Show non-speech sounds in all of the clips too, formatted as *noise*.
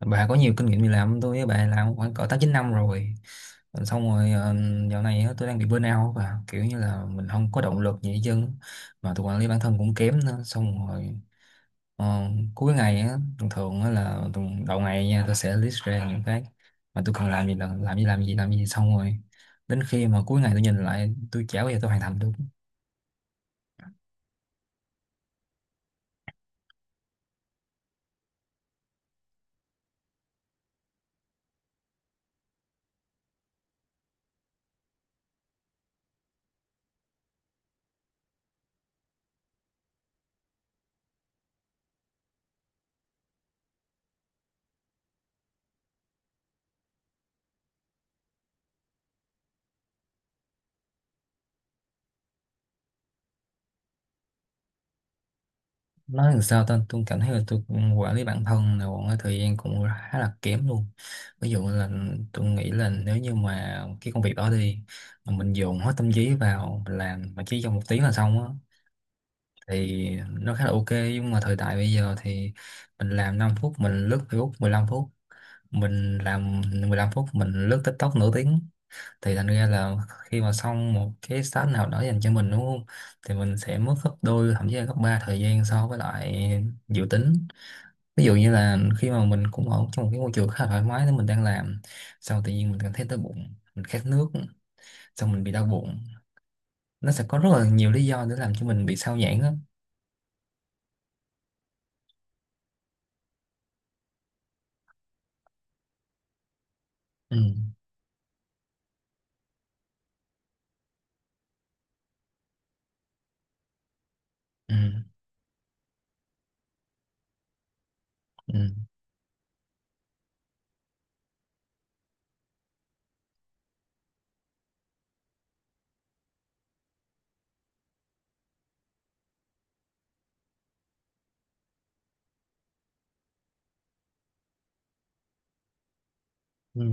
Bà có nhiều kinh nghiệm đi làm hơn tôi, với bà làm khoảng cỡ 8-9 năm rồi. Xong rồi, dạo này á, tôi đang bị burnout và kiểu như là mình không có động lực gì hết trơn. Mà tôi quản lý bản thân cũng kém nữa. Xong rồi, ờ, cuối ngày á, thường thường á là đầu ngày nha, tôi sẽ list ra những cái mà tôi cần làm, gì là làm gì, làm gì, làm gì. Xong rồi đến khi mà cuối ngày tôi nhìn lại, tôi chả bao giờ tôi hoàn thành được. Nói làm sao ta, tôi cảm thấy là tôi cũng quản lý bản thân là một cái thời gian cũng khá là kém luôn. Ví dụ là tôi nghĩ là nếu như mà cái công việc đó đi, mà mình dồn hết tâm trí vào mình làm mà chỉ trong 1 tiếng là xong á, thì nó khá là ok. Nhưng mà thời đại bây giờ thì mình làm 5 phút mình lướt Facebook 15 phút, mình làm 15 phút mình lướt TikTok nửa tiếng. Thì thành ra là khi mà xong một cái task nào đó dành cho mình đúng không, thì mình sẽ mất gấp đôi, thậm chí là gấp ba thời gian so với lại dự tính. Ví dụ như là khi mà mình cũng ở trong một cái môi trường khá là thoải mái nên mình đang làm, xong tự nhiên mình cảm thấy đói bụng, mình khát nước, xong mình bị đau bụng. Nó sẽ có rất là nhiều lý do để làm cho mình bị sao nhãng á. Ừ, ừ, ừ, ừ,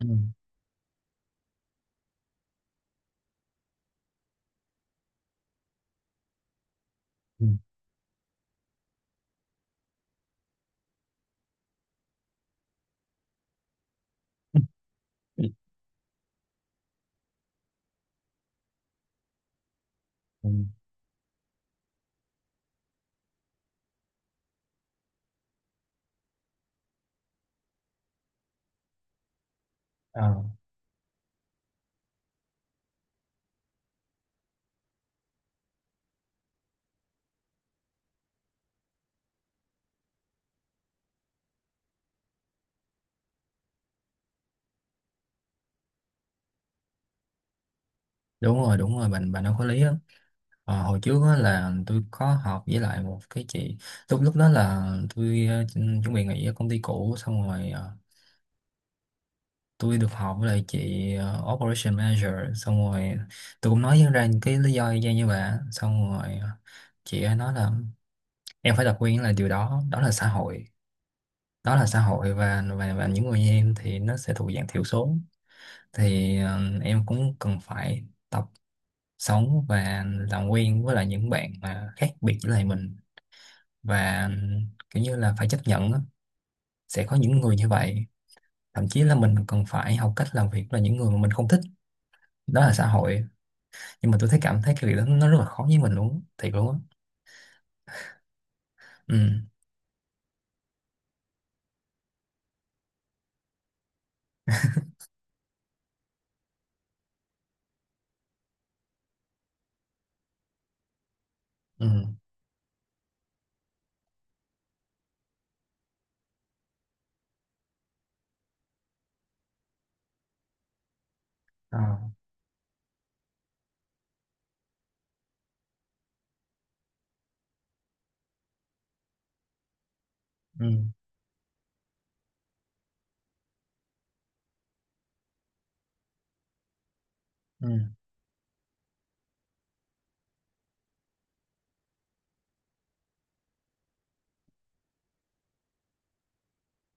ừ, ừ, ừ, ừ. Ờ, đúng rồi đúng rồi, bạn bạn nói có lý á. Ờ, hồi trước á là tôi có học với lại một cái chị, lúc lúc đó là tôi chuẩn bị nghỉ ở công ty cũ. Xong rồi tôi được học với lại chị, Operation Manager. Xong rồi tôi cũng nói ra những cái lý do y chang như vậy. Xong rồi, chị ấy nói là em phải tập quen, là điều đó, đó là xã hội. Đó là xã hội, và và những người như em thì nó sẽ thuộc dạng thiểu số. Thì em cũng cần phải tập sống và làm quen với lại những bạn mà khác biệt với lại mình, và kiểu như là phải chấp nhận á. Sẽ có những người như vậy. Thậm chí là mình còn phải học cách làm việc với những người mà mình không thích. Đó là xã hội. Nhưng mà tôi thấy, cảm thấy cái việc đó nó rất là khó với mình luôn á. Thiệt luôn á. Ừ, ừ, ờ, ừ, ừ,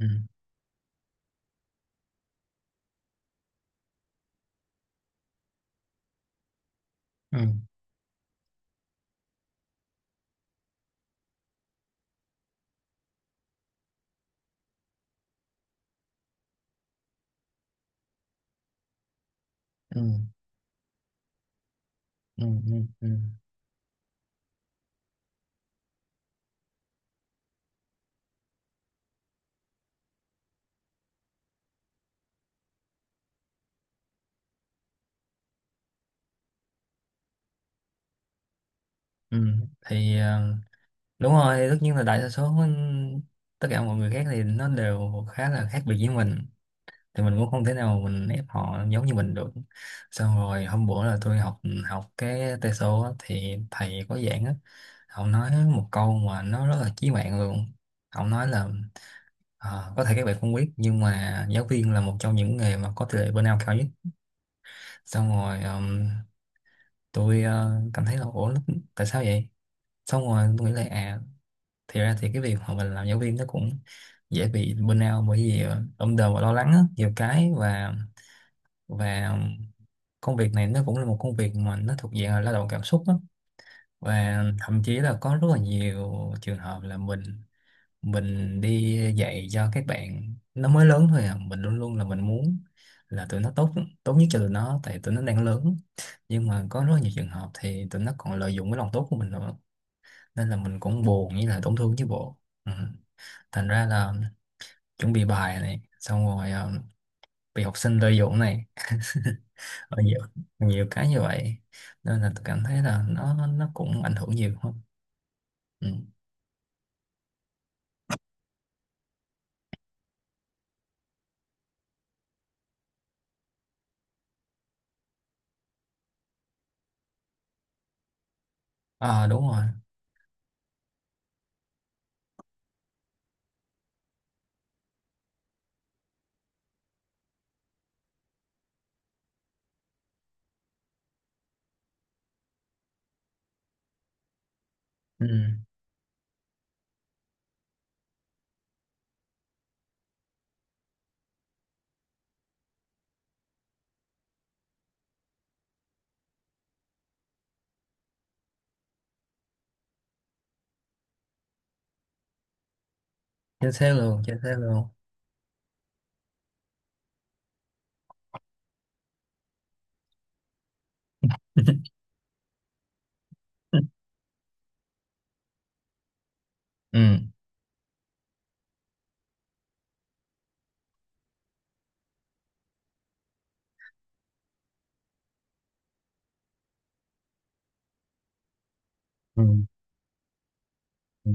ừ, ừ, ừ, ừ, ừ, ừ, ừ. Thì, đúng rồi, tất nhiên là đại đa số tất cả mọi người khác thì nó đều khá là khác biệt với mình, thì mình cũng không thể nào mình ép họ giống như mình được. Xong rồi hôm bữa là tôi học học cái tê số á, thì thầy có giảng á. Ông nói một câu mà nó rất là chí mạng luôn. Ông nói là: Có thể các bạn không biết nhưng mà giáo viên là một trong những nghề mà có tỷ lệ burnout cao nhất." Xong rồi tôi cảm thấy là ủa tại sao vậy. Xong rồi tôi nghĩ là à, thì ra thì cái việc mà mình làm giáo viên nó cũng dễ bị burnout, bởi vì đông đờ và lo lắng á, nhiều cái. Và công việc này nó cũng là một công việc mà nó thuộc dạng là lao động cảm xúc á. Và thậm chí là có rất là nhiều trường hợp là mình đi dạy cho các bạn nó mới lớn thôi à, mình luôn luôn là mình muốn là tụi nó tốt, tốt nhất cho tụi nó, tại tụi nó đang lớn. Nhưng mà có rất là nhiều trường hợp thì tụi nó còn lợi dụng cái lòng tốt của mình nữa, nên là mình cũng buồn như là tổn thương chứ bộ. Ừ. Thành ra là chuẩn bị bài này, xong rồi bị học sinh lợi dụng này, *laughs* ở nhiều nhiều cái như vậy, nên là tôi cảm thấy là nó cũng ảnh hưởng nhiều không. Ừ. À, đúng rồi. Ừ. Chính xác luôn chính xác luôn. *laughs* Ừ. Ừ. Ừ.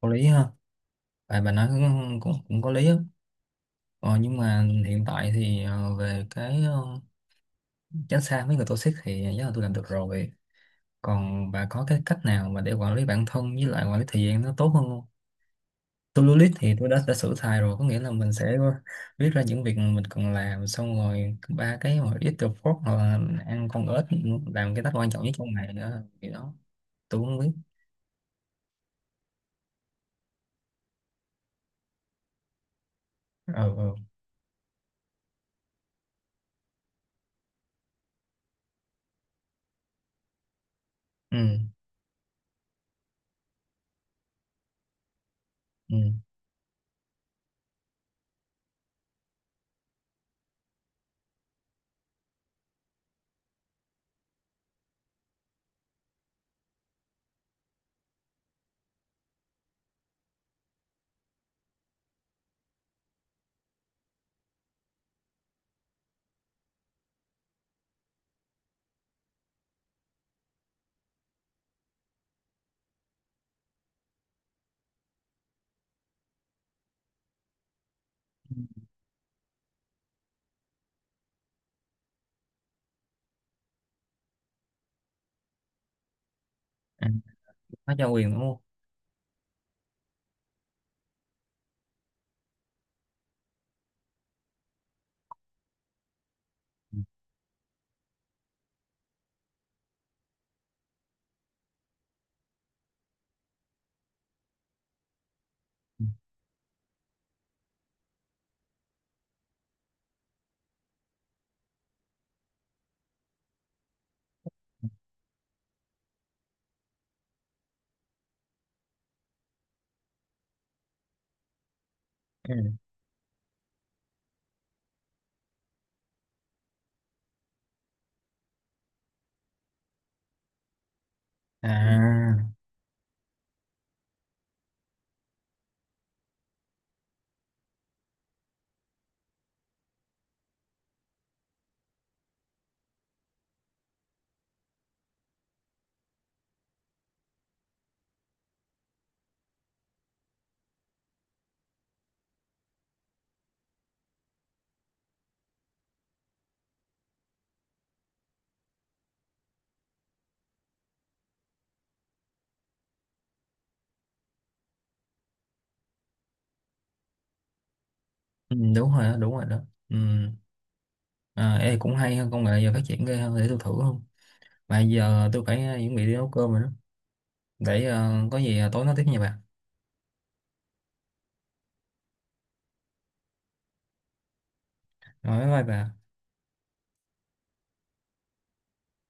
Có lý ha, tại bà nói cũng cũng, cũng có lý á. Ờ, nhưng mà hiện tại thì, về cái, tránh xa mấy người toxic thì chắc là tôi làm được rồi. Còn bà có cái cách nào mà để quản lý bản thân với lại quản lý thời gian nó tốt hơn không? To-do list thì tôi đã sửa xài rồi, có nghĩa là mình sẽ viết ra những việc mình cần làm. Xong rồi ba cái mà ít the fork hoặc là ăn con ếch, làm cái task quan trọng nhất trong ngày nữa thì đó. Tôi cũng biết. Ừ, ừ, ừ, ừ. À, có trao quyền đúng không. Ừ. Ừ. À, ừ, đúng rồi đó đúng rồi đó. Ừ. À, ê, cũng hay hơn, công nghệ giờ phát triển ghê, hơn để tôi thử không. Mà giờ tôi phải chuẩn bị đi nấu cơm rồi đó. Để có gì tối nói tiếp nha bà. Rồi bye bye bà.